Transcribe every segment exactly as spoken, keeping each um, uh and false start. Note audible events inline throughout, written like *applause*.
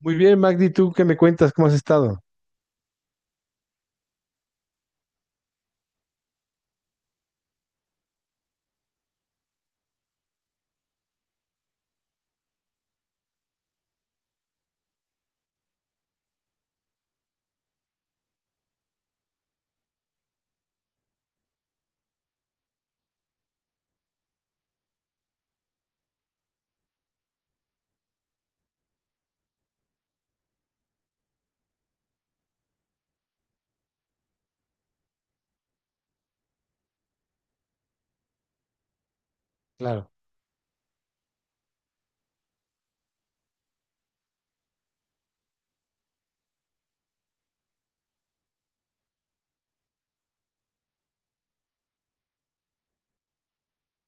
Muy bien, Magdi, ¿tú qué me cuentas? ¿Cómo has estado? Claro,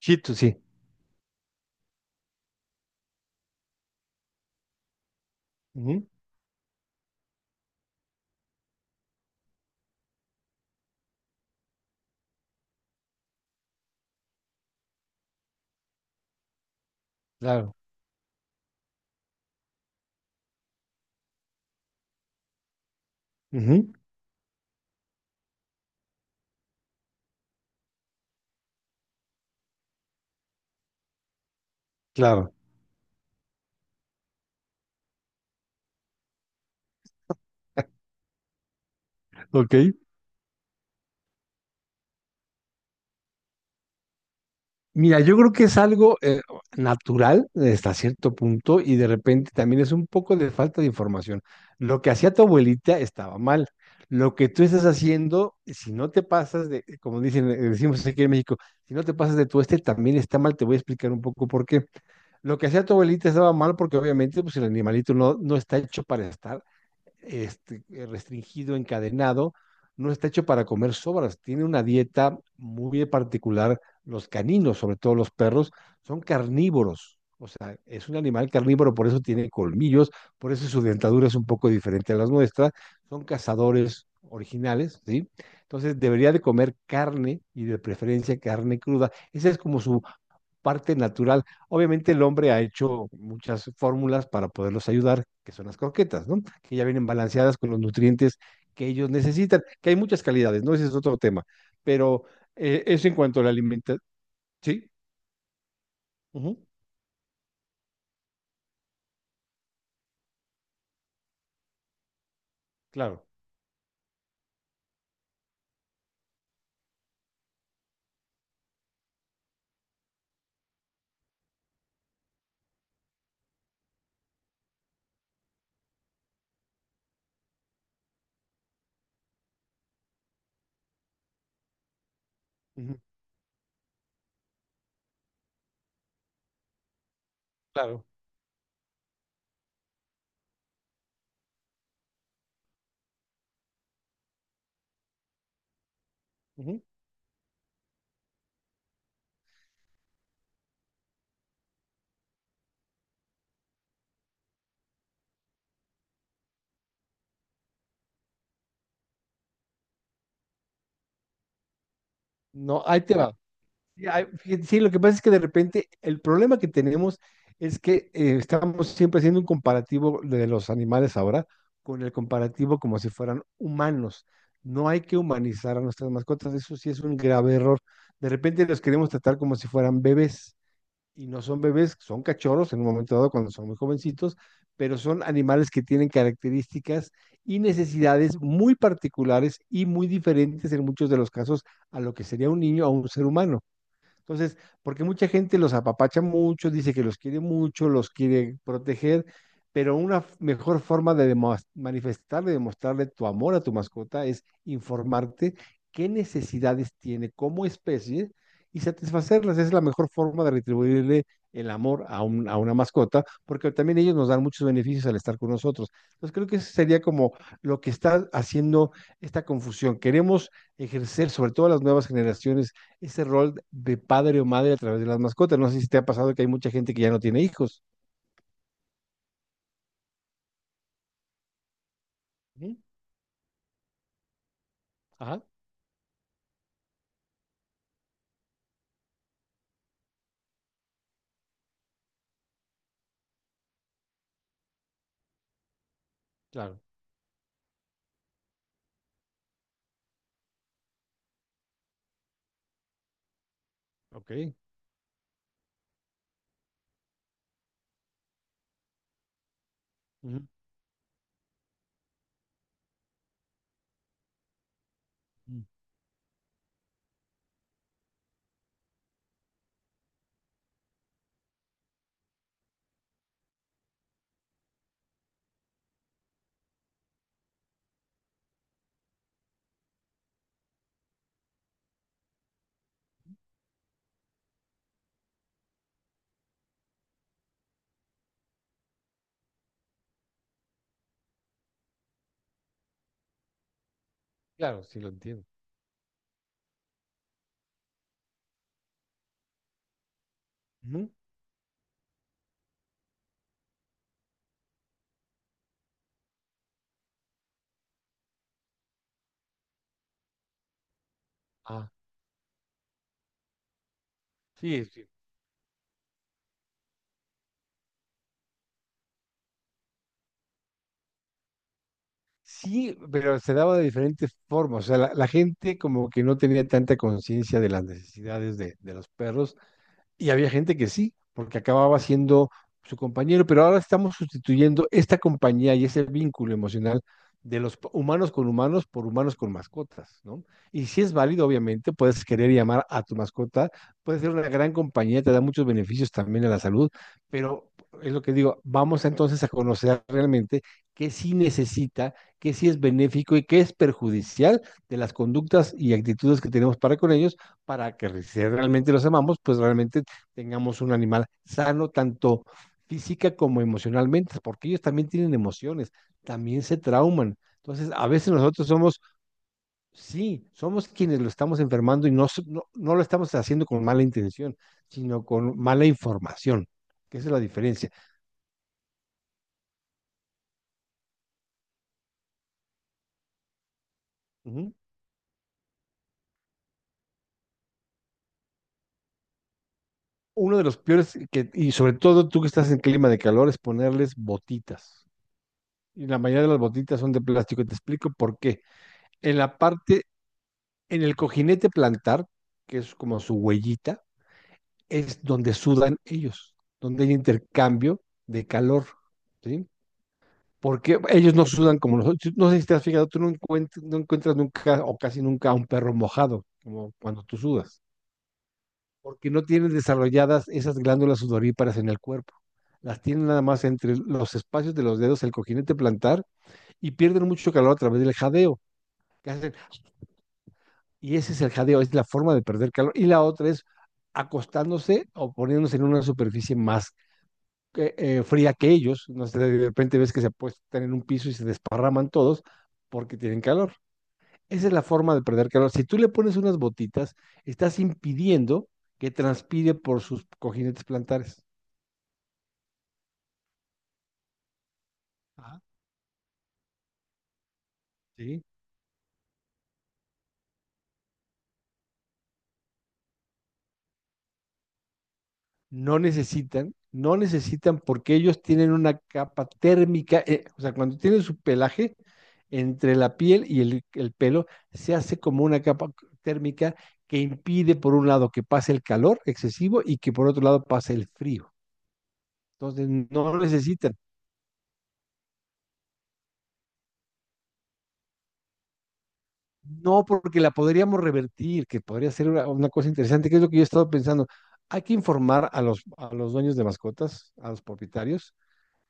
Chito, sí. Ujú, claro. Ujú, claro. *laughs* Ok. Mira, yo creo que es algo eh, natural, eh, hasta cierto punto y de repente también es un poco de falta de información. Lo que hacía tu abuelita estaba mal. Lo que tú estás haciendo, si no te pasas de, como dicen, eh, decimos aquí en México, si no te pasas de tu este también está mal. Te voy a explicar un poco por qué. Lo que hacía tu abuelita estaba mal porque obviamente pues, el animalito no, no está hecho para estar este, eh, restringido, encadenado, no está hecho para comer sobras, tiene una dieta muy particular. Los caninos, sobre todo los perros, son carnívoros, o sea, es un animal carnívoro, por eso tiene colmillos, por eso su dentadura es un poco diferente a las nuestras, son cazadores originales, ¿sí? Entonces debería de comer carne y de preferencia carne cruda. Esa es como su parte natural. Obviamente el hombre ha hecho muchas fórmulas para poderlos ayudar, que son las croquetas, ¿no? Que ya vienen balanceadas con los nutrientes que ellos necesitan, que hay muchas calidades, ¿no? Ese es otro tema. Pero eh, eso en cuanto a la alimentación. Sí, ujú, claro, ujú, claro. Ujú. No, ahí te va. Sí, hay- fíjate, sí, lo que pasa es que de repente el problema que tenemos es que eh, estamos siempre haciendo un comparativo de los animales ahora con el comparativo como si fueran humanos. No hay que humanizar a nuestras mascotas, eso sí es un grave error. De repente los queremos tratar como si fueran bebés y no son bebés, son cachorros en un momento dado cuando son muy jovencitos, pero son animales que tienen características y necesidades muy particulares y muy diferentes en muchos de los casos a lo que sería un niño o un ser humano. Entonces, porque mucha gente los apapacha mucho, dice que los quiere mucho, los quiere proteger, pero una f- mejor forma de demo- manifestar, de demostrarle tu amor a tu mascota es informarte qué necesidades tiene como especie y satisfacerlas. Esa es la mejor forma de retribuirle el amor a, un- a una mascota, porque también ellos nos dan muchos beneficios al estar con nosotros. Entonces, creo que eso sería como lo que está haciendo esta confusión. Queremos ejercer, sobre todo las nuevas generaciones, ese rol de padre o madre a través de las mascotas. No sé si te ha pasado que hay mucha gente que ya no tiene hijos. Ujú, ajá, claro, ok. Ujú, ujú. Claro, sí lo entiendo. Ujú. Ah, sí, sí. Sí, pero se daba de diferentes formas. O sea, la, la gente como que no tenía tanta conciencia de las necesidades de, de los perros. Y había gente que sí, porque acababa siendo su compañero, pero ahora estamos sustituyendo esta compañía y ese vínculo emocional de los p- humanos con humanos por humanos con mascotas, ¿no? Y si es válido, obviamente, puedes querer y amar a tu mascota, puede ser una gran compañía, te da muchos beneficios también a la salud, pero es lo que digo, vamos entonces a conocer realmente qué sí necesita, qué sí es benéfico y qué es perjudicial de las conductas y actitudes que tenemos para con ellos, para que si realmente los amamos, pues realmente tengamos un animal sano, tanto física como emocionalmente, porque ellos también tienen emociones, también se trauman. Entonces, a veces nosotros somos, sí, somos quienes lo estamos enfermando y no, s- no, no lo estamos haciendo con mala intención, sino con mala información, que esa es la diferencia. Ujú. Uno de los peores, que, y sobre todo tú que estás en clima de calor, es ponerles botitas. Y la mayoría de las botitas son de plástico, y te explico por qué. En la parte, en el cojinete plantar, que es como su huellita, es donde sudan ellos, donde hay intercambio de calor, ¿sí? Porque ellos no sudan como nosotros. No sé si te has fijado, tú no encuentras, no encuentras nunca o casi nunca a un perro mojado, como cuando tú sudas, porque no tienen desarrolladas esas glándulas sudoríparas en el cuerpo. Las tienen nada más entre los espacios de los dedos, el cojinete plantar, y pierden mucho calor a través del jadeo. Que hacen. Y ese es el jadeo, es la forma de perder calor. Y la otra es acostándose o poniéndose en una superficie más que, eh, fría que ellos. No sé, de repente ves que se apuestan en un piso y se desparraman todos porque tienen calor. Esa es la forma de perder calor. Si tú le pones unas botitas, estás impidiendo que transpire por sus cojinetes plantares. Ajá. ¿Sí? no necesitan, no necesitan porque ellos tienen una capa térmica, eh, o sea, cuando tienen su pelaje, entre la piel y el, el pelo se hace como una capa térmica que impide, por un lado, que pase el calor excesivo y que por otro lado pase el frío. Entonces, no necesitan. No porque la podríamos revertir, que podría ser una, una cosa interesante, que es lo que yo he estado pensando. Hay que informar a los, a los dueños de mascotas, a los propietarios,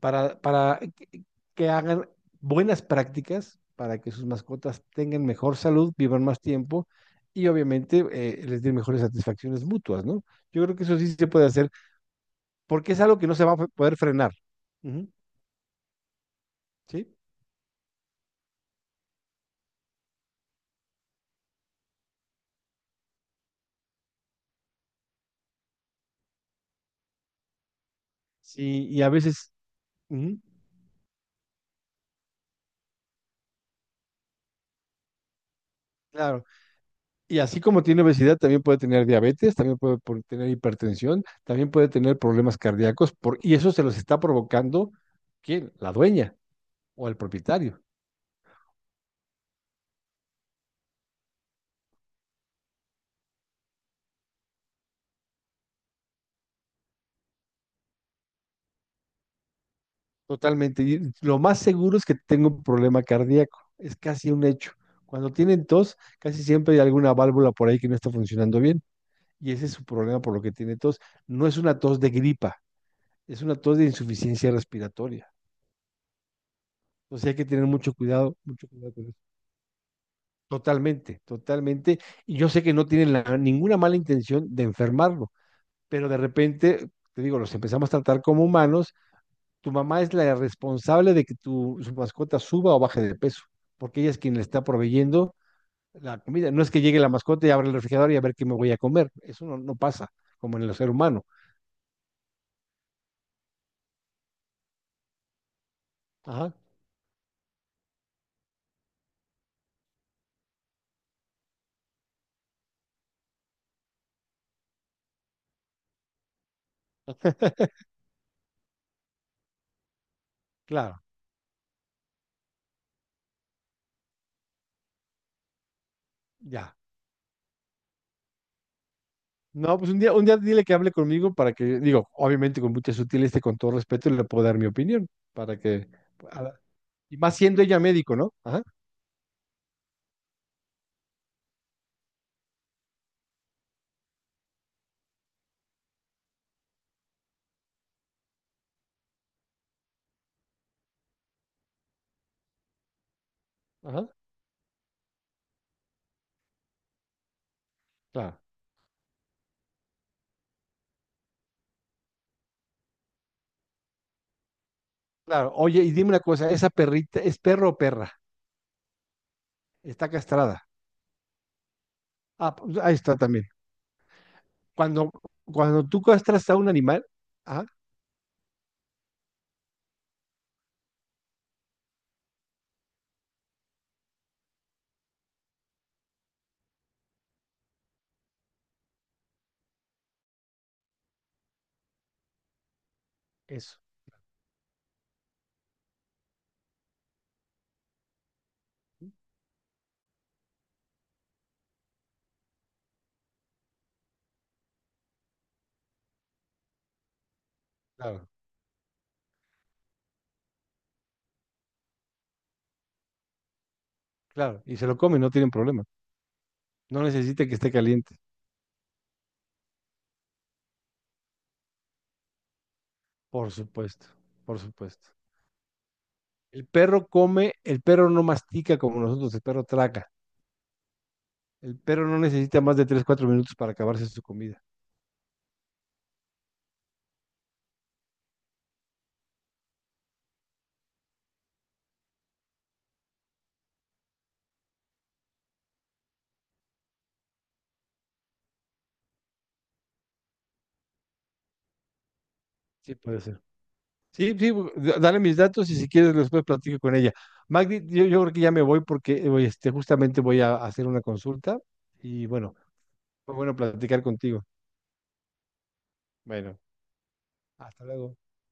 para, para que- que hagan buenas prácticas para que sus mascotas tengan mejor salud, vivan más tiempo y obviamente eh, les den mejores satisfacciones mutuas, ¿no? Yo creo que eso sí se puede hacer porque es algo que no se va a fe- poder frenar. Ujú, ¿sí? Sí, y a veces, ujú, claro, y así como tiene obesidad, también puede tener diabetes, también puede por- tener hipertensión, también puede tener problemas cardíacos por, y eso se los está provocando, ¿quién? La dueña o el propietario. Totalmente. Y lo más seguro es que tengo un problema cardíaco. Es casi un hecho. Cuando tienen tos, casi siempre hay alguna válvula por ahí que no está funcionando bien. Y ese es su problema por lo que tiene tos. No es una tos de gripa, es una tos de insuficiencia respiratoria. Entonces hay que tener mucho cuidado, mucho cuidado con eso. Totalmente, totalmente. Y yo sé que no tienen la- ninguna mala intención de enfermarlo, pero de repente, te digo, los empezamos a tratar como humanos. Tu, mamá es la responsable de que tu, su mascota suba o baje de peso, porque ella es quien le está proveyendo la comida. No es que llegue la mascota y abra el refrigerador y a ver qué me voy a comer. Eso no, no pasa, como en el ser humano. Ajá. *laughs* Claro, ya. No, pues un día, un día dile que hable conmigo para que, digo, obviamente con mucha sutileza y con todo respeto le puedo dar mi opinión, para que, a la- y más siendo ella médico, ¿no? Ajá, ajá, claro, claro. Oye, y dime una cosa, ¿esa perrita es perro o perra? Está castrada. Ah, pues ahí está también. Cuando, cuando tú castras a un animal, ah, eso, claro, claro, y se lo come, no tienen problema. No necesita que esté caliente, por supuesto, por supuesto. El perro come, el perro no mastica como nosotros, el perro traga. El perro no necesita más de tres cuatro minutos para acabarse su comida. Sí, puede ser. Sí, sí, bu- da- dale mis datos y si quieres después platico con ella. Magdi, yo, yo creo que ya me voy porque eh, voy, este, justamente voy a hacer una consulta y bueno, fue bueno platicar contigo. Bueno, hasta luego.